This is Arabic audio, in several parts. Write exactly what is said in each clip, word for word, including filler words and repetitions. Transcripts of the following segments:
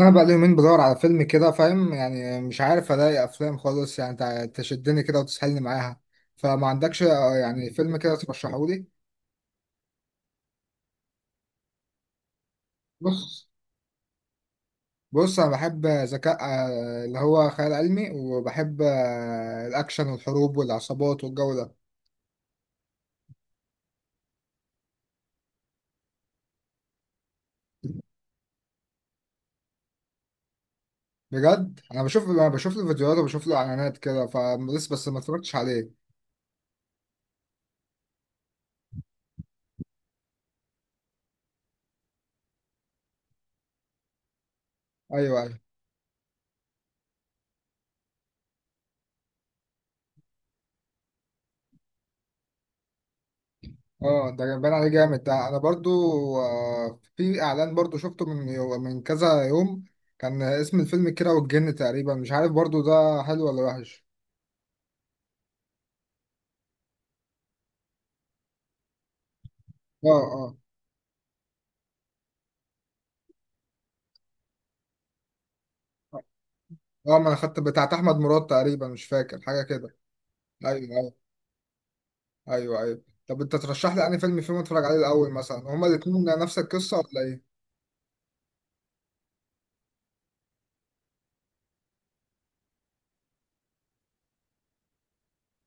انا بقى لي يومين بدور على فيلم كده، فاهم يعني؟ مش عارف الاقي افلام خالص يعني تع- تشدني كده وتسحلني معاها. فما عندكش آه، يعني فيلم كده ترشحه لي. بص بص، انا بحب ذكاء، آه، اللي هو خيال علمي، وبحب آه، الاكشن والحروب والعصابات والجو ده. بجد انا بشوف أنا بشوف له فيديوهات وبشوف له اعلانات كده، فلسه بس ما اتفرجتش عليه. ايوه، أيوه. اه ده باين عليه جامد، ده انا برضو آه، في اعلان برضو شفته من يو- من كذا يوم. كان اسم الفيلم كيرة والجن تقريبا، مش عارف برضو ده حلو ولا وحش. اه، اه. اه اه، ما انا خدت بتاعت احمد مراد تقريبا، مش فاكر حاجه كده. ايوه، ايوه. ايوه، ايوه. طب انت ترشح لي انهي فيلم فيهم اتفرج عليه الاول؟ مثلا هما الاتنين نفس القصه ولا ايه؟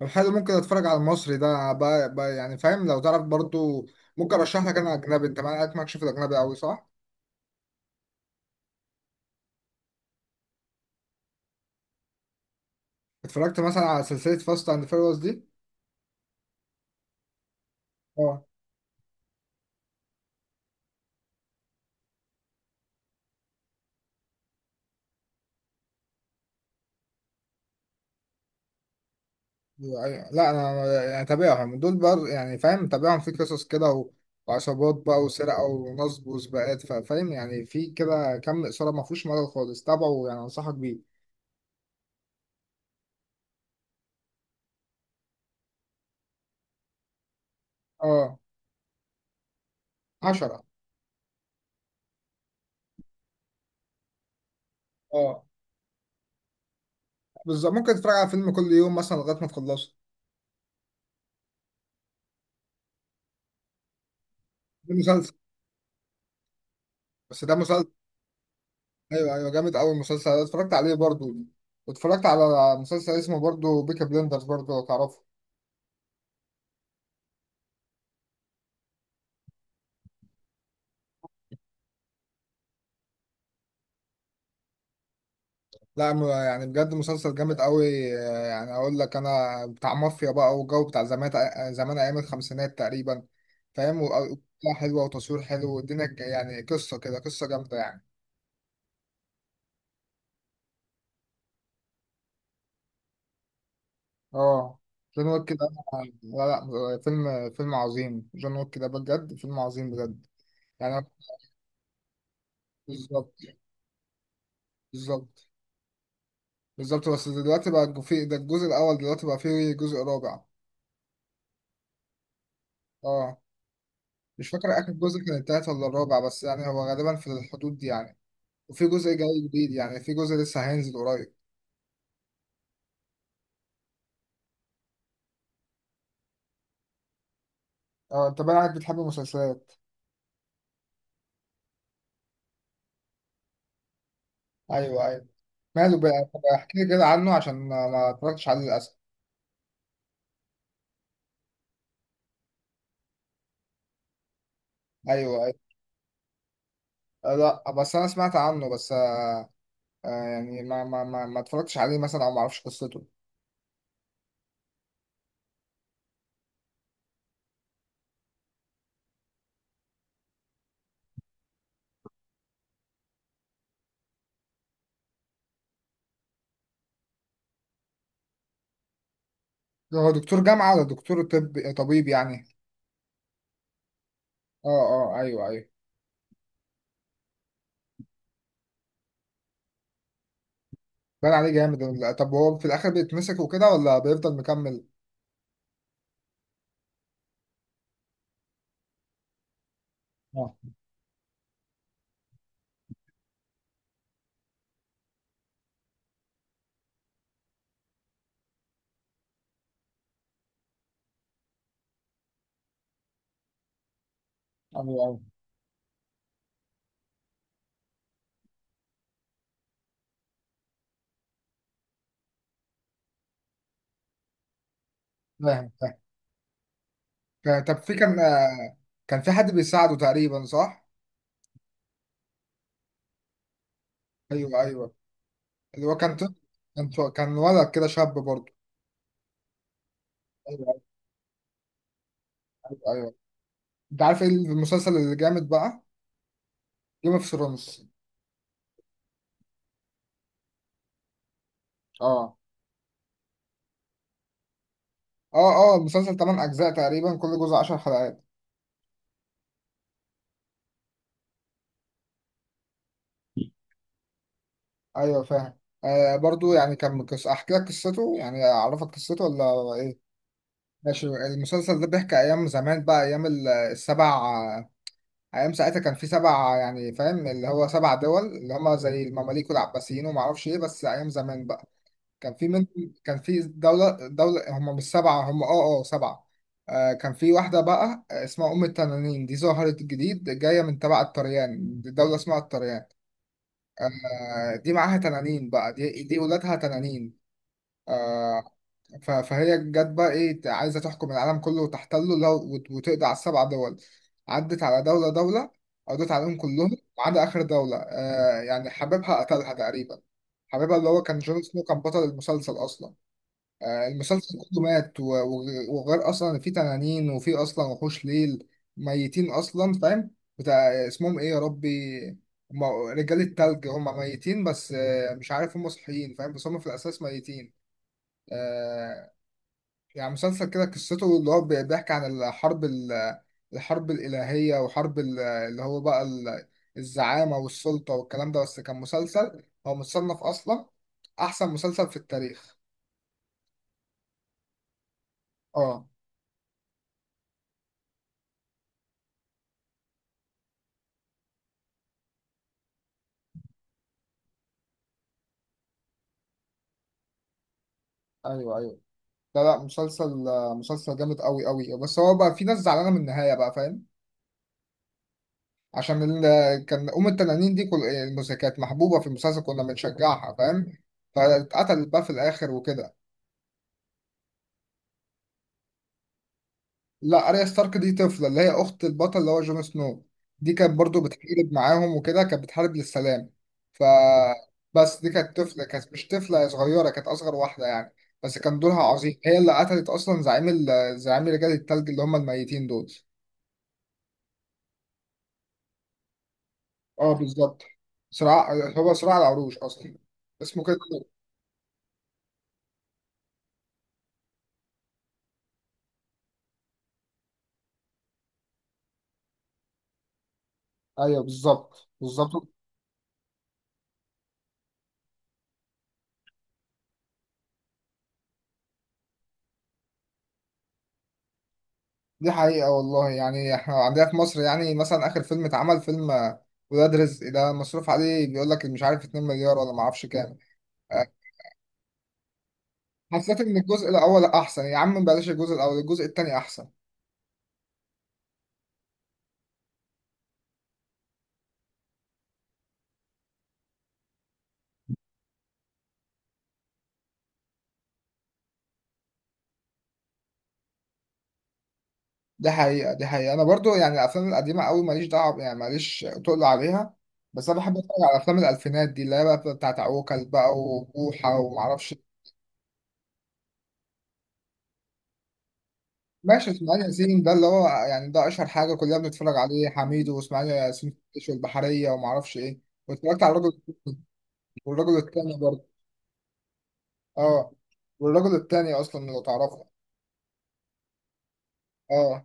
طب حلو، ممكن اتفرج على المصري ده بقى, بقى يعني فاهم لو تعرف برضو. ممكن ارشح لك انا اجنبي، انت معاك ماكش في الاجنبي قوي صح؟ اتفرجت مثلا على سلسله فاست اند فيريوس دي. اه، أيوة. لا انا يعني تابعهم دول، بر يعني فاهم، تابعهم في قصص كده و- وعصابات بقى وسرقه ونصب وسباقات، ف- فاهم يعني؟ في كده كم اثاره، ما فيهوش ملل خالص، تابعه، يعني انصحك بيه. اه. عشرة. اه بالظبط، ممكن تتفرج على فيلم كل يوم مثلا لغايه ما تخلصه. ده مسلسل. بس ده مسلسل. ايوه ايوه، جامد قوي المسلسل ده، اتفرجت عليه برضو. واتفرجت على مسلسل اسمه برضو بيكا بليندرز، برضو لو تعرفه. لا م- يعني بجد مسلسل جامد قوي. آه، يعني اقول لك انا بتاع مافيا بقى والجو بتاع زمان. زمان ايام الخمسينات تقريبا، فاهم؟ وقصة حلوه، وتصوير حلو، والدنيا ج- يعني قصه كده، قصه جامده يعني. اه. جون ويك ده؟ لا لا، فيلم فيلم عظيم، جون ويك ده بجد فيلم عظيم بجد يعني. بالظبط. بالظبط. بالظبط، بس دلوقتي بقى الج- في ده الجزء الاول، دلوقتي بقى فيه جزء رابع. اه. مش فاكر اخر جزء كان التالت ولا الرابع، بس يعني هو غالبا في الحدود دي يعني. وفي جزء جاي جديد، يعني في جزء لسه هينزل قريب. اه انت بقى عارف بتحب المسلسلات. ايوه، ايوه. ماله بقى، طب احكي لي كده عنه عشان ما ما اتفرجتش عليه للاسف. ايوه، ايوه. آه، لا بس انا سمعت عنه بس آه. آه، يعني ما ما ما, ما اتفرجتش عليه مثلا، او ما اعرفش قصته. هو دكتور جامعه ولا دكتور طب، طبيب يعني؟ اه، اه، ايوه ايوه. بان عليه جامد ال- طب هو في الاخر بيتمسك وكده ولا بيفضل مكمل؟ اه، ايوه ايوه. فاهم، فاهم. ف- طب في كان آه، كان في حد بيساعده تقريبا صح؟ ايوه، ايوه. اللي هو كان طفل- كان ط- كان ولد كده، شاب برضه. ايوه. ايوه، ايوه. انت عارف ايه المسلسل اللي جامد بقى؟ جيم اوف ثرونز. اه، اه. اه، المسلسل ثمانية اجزاء تقريبا، كل جزء عشر حلقات. ايوه، فاهم. آه برضه يعني كان قص- احكي لك قصته يعني، اعرفك قصته ولا ايه؟ ماشي. المسلسل ده بيحكي ايام زمان بقى، ايام ال- السبع. ايام ساعتها كان في سبع يعني فاهم، اللي هو سبع دول اللي هم زي المماليك والعباسيين وما اعرفش ايه، بس ايام زمان بقى. كان في من، كان في دولة دولة، هم مش سبعة، هم اه اه سبعة. آه، كان في واحدة بقى اسمها أم التنانين، دي ظهرت جديد، جاية من تبع الطريان، دي دولة اسمها الطريان. آه، دي معاها تنانين بقى، دي دي ولادها تنانين. آه. ف- فهي جت بقى ايه، عايزة تحكم العالم كله وتحتله لو وت- وتقضي على السبع دول. عدت على دولة دولة، قضت عليهم كلهم، ما عدا آخر دولة. آه يعني حبيبها قتلها تقريبا، حبيبها اللي هو كان جون سنو كان بطل المسلسل أصلا. آه، المسلسل كله مات و- و- وغير اصلا إن في تنانين وفي اصلا وحوش ليل، ميتين اصلا فاهم. بتاع اسمهم ايه يا ربي؟ هم رجال التلج، هم ميتين، بس آه، مش عارف هم صحيين فاهم، بس هم في الاساس ميتين. آه، يعني مسلسل كده قصته اللي هو بي- بيحكي عن الحرب ال- الحرب الالهيه وحرب ال- اللي هو بقى ال- الزعامه والسلطه والكلام ده، بس كان مسلسل هو متصنف اصلا احسن مسلسل في التاريخ. اه، ايوه ايوه. لا لا، مسلسل مسلسل جامد قوي قوي، بس هو بقى في ناس زعلانه من النهايه بقى فاهم. عشان ال... كان ام التنانين دي كل المس- كانت محبوبه في المسلسل، كنا بنشجعها فاهم، فاتقتلت بقى في الاخر وكده. لا، اريا ستارك دي طفله، اللي هي اخت البطل اللي هو جون سنو. دي كانت برضو بتحارب معاهم وكده، كانت بتحارب للسلام. ف، بس دي كانت طفله، كانت مش طفله، هي صغيره، كانت اصغر واحده يعني، بس كان دورها عظيم. هي اللي قتلت اصلا زعيم ال... زعيم رجال التلج اللي هم الميتين دول. اه بالظبط. صراع، هو صراع العروش اصلا اسمه كده. ايوه، بالظبط، بالظبط. دي حقيقة والله، يعني احنا عندنا في مصر يعني مثلا اخر فيلم اتعمل فيلم آه، ولاد رزق ده، مصروف عليه بيقول لك مش عارف اتنين مليار ولا ما اعرفش كام. آه، حسيت ان الجزء الاول احسن، يا عم بلاش الجزء الاول، الجزء التاني احسن. دي حقيقة، دي حقيقة، انا برضو يعني الافلام القديمة قوي ماليش دعوة يعني، ماليش تقل عليها، بس انا بحب اتفرج على افلام الالفينات دي، اللي هي بقى بتاعت عوكل بقى وبوحة ومعرفش. ماشي. اسماعيل ياسين ده اللي هو يعني ده اشهر حاجه، كلنا بنتفرج عليه، حميد واسماعيل ياسين فتش والبحريه وما اعرفش ايه. واتفرجت على الرجل والرجل التاني برضه. اه. والرجل التاني اصلا لو تعرفه. اه.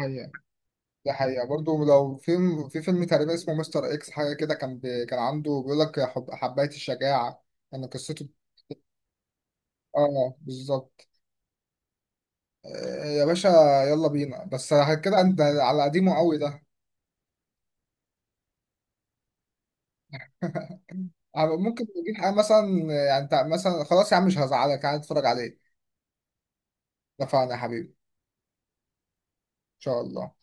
هي. ده حقيقه برضه. لو في في فيلم تقريبا اسمه مستر اكس حاجه كده، كان بي... كان عنده بيقول لك حب... حبايه الشجاعه، يعني قصته. اه بالظبط. آه، يا باشا، يلا بينا بس. كده انت على قديمه قوي ده. ممكن نجيب حاجة مثلا، يعني انت مثلا خلاص يا عم مش هزعلك قاعد اتفرج عليه. اتفقنا يا حبيبي. ان شاء الله.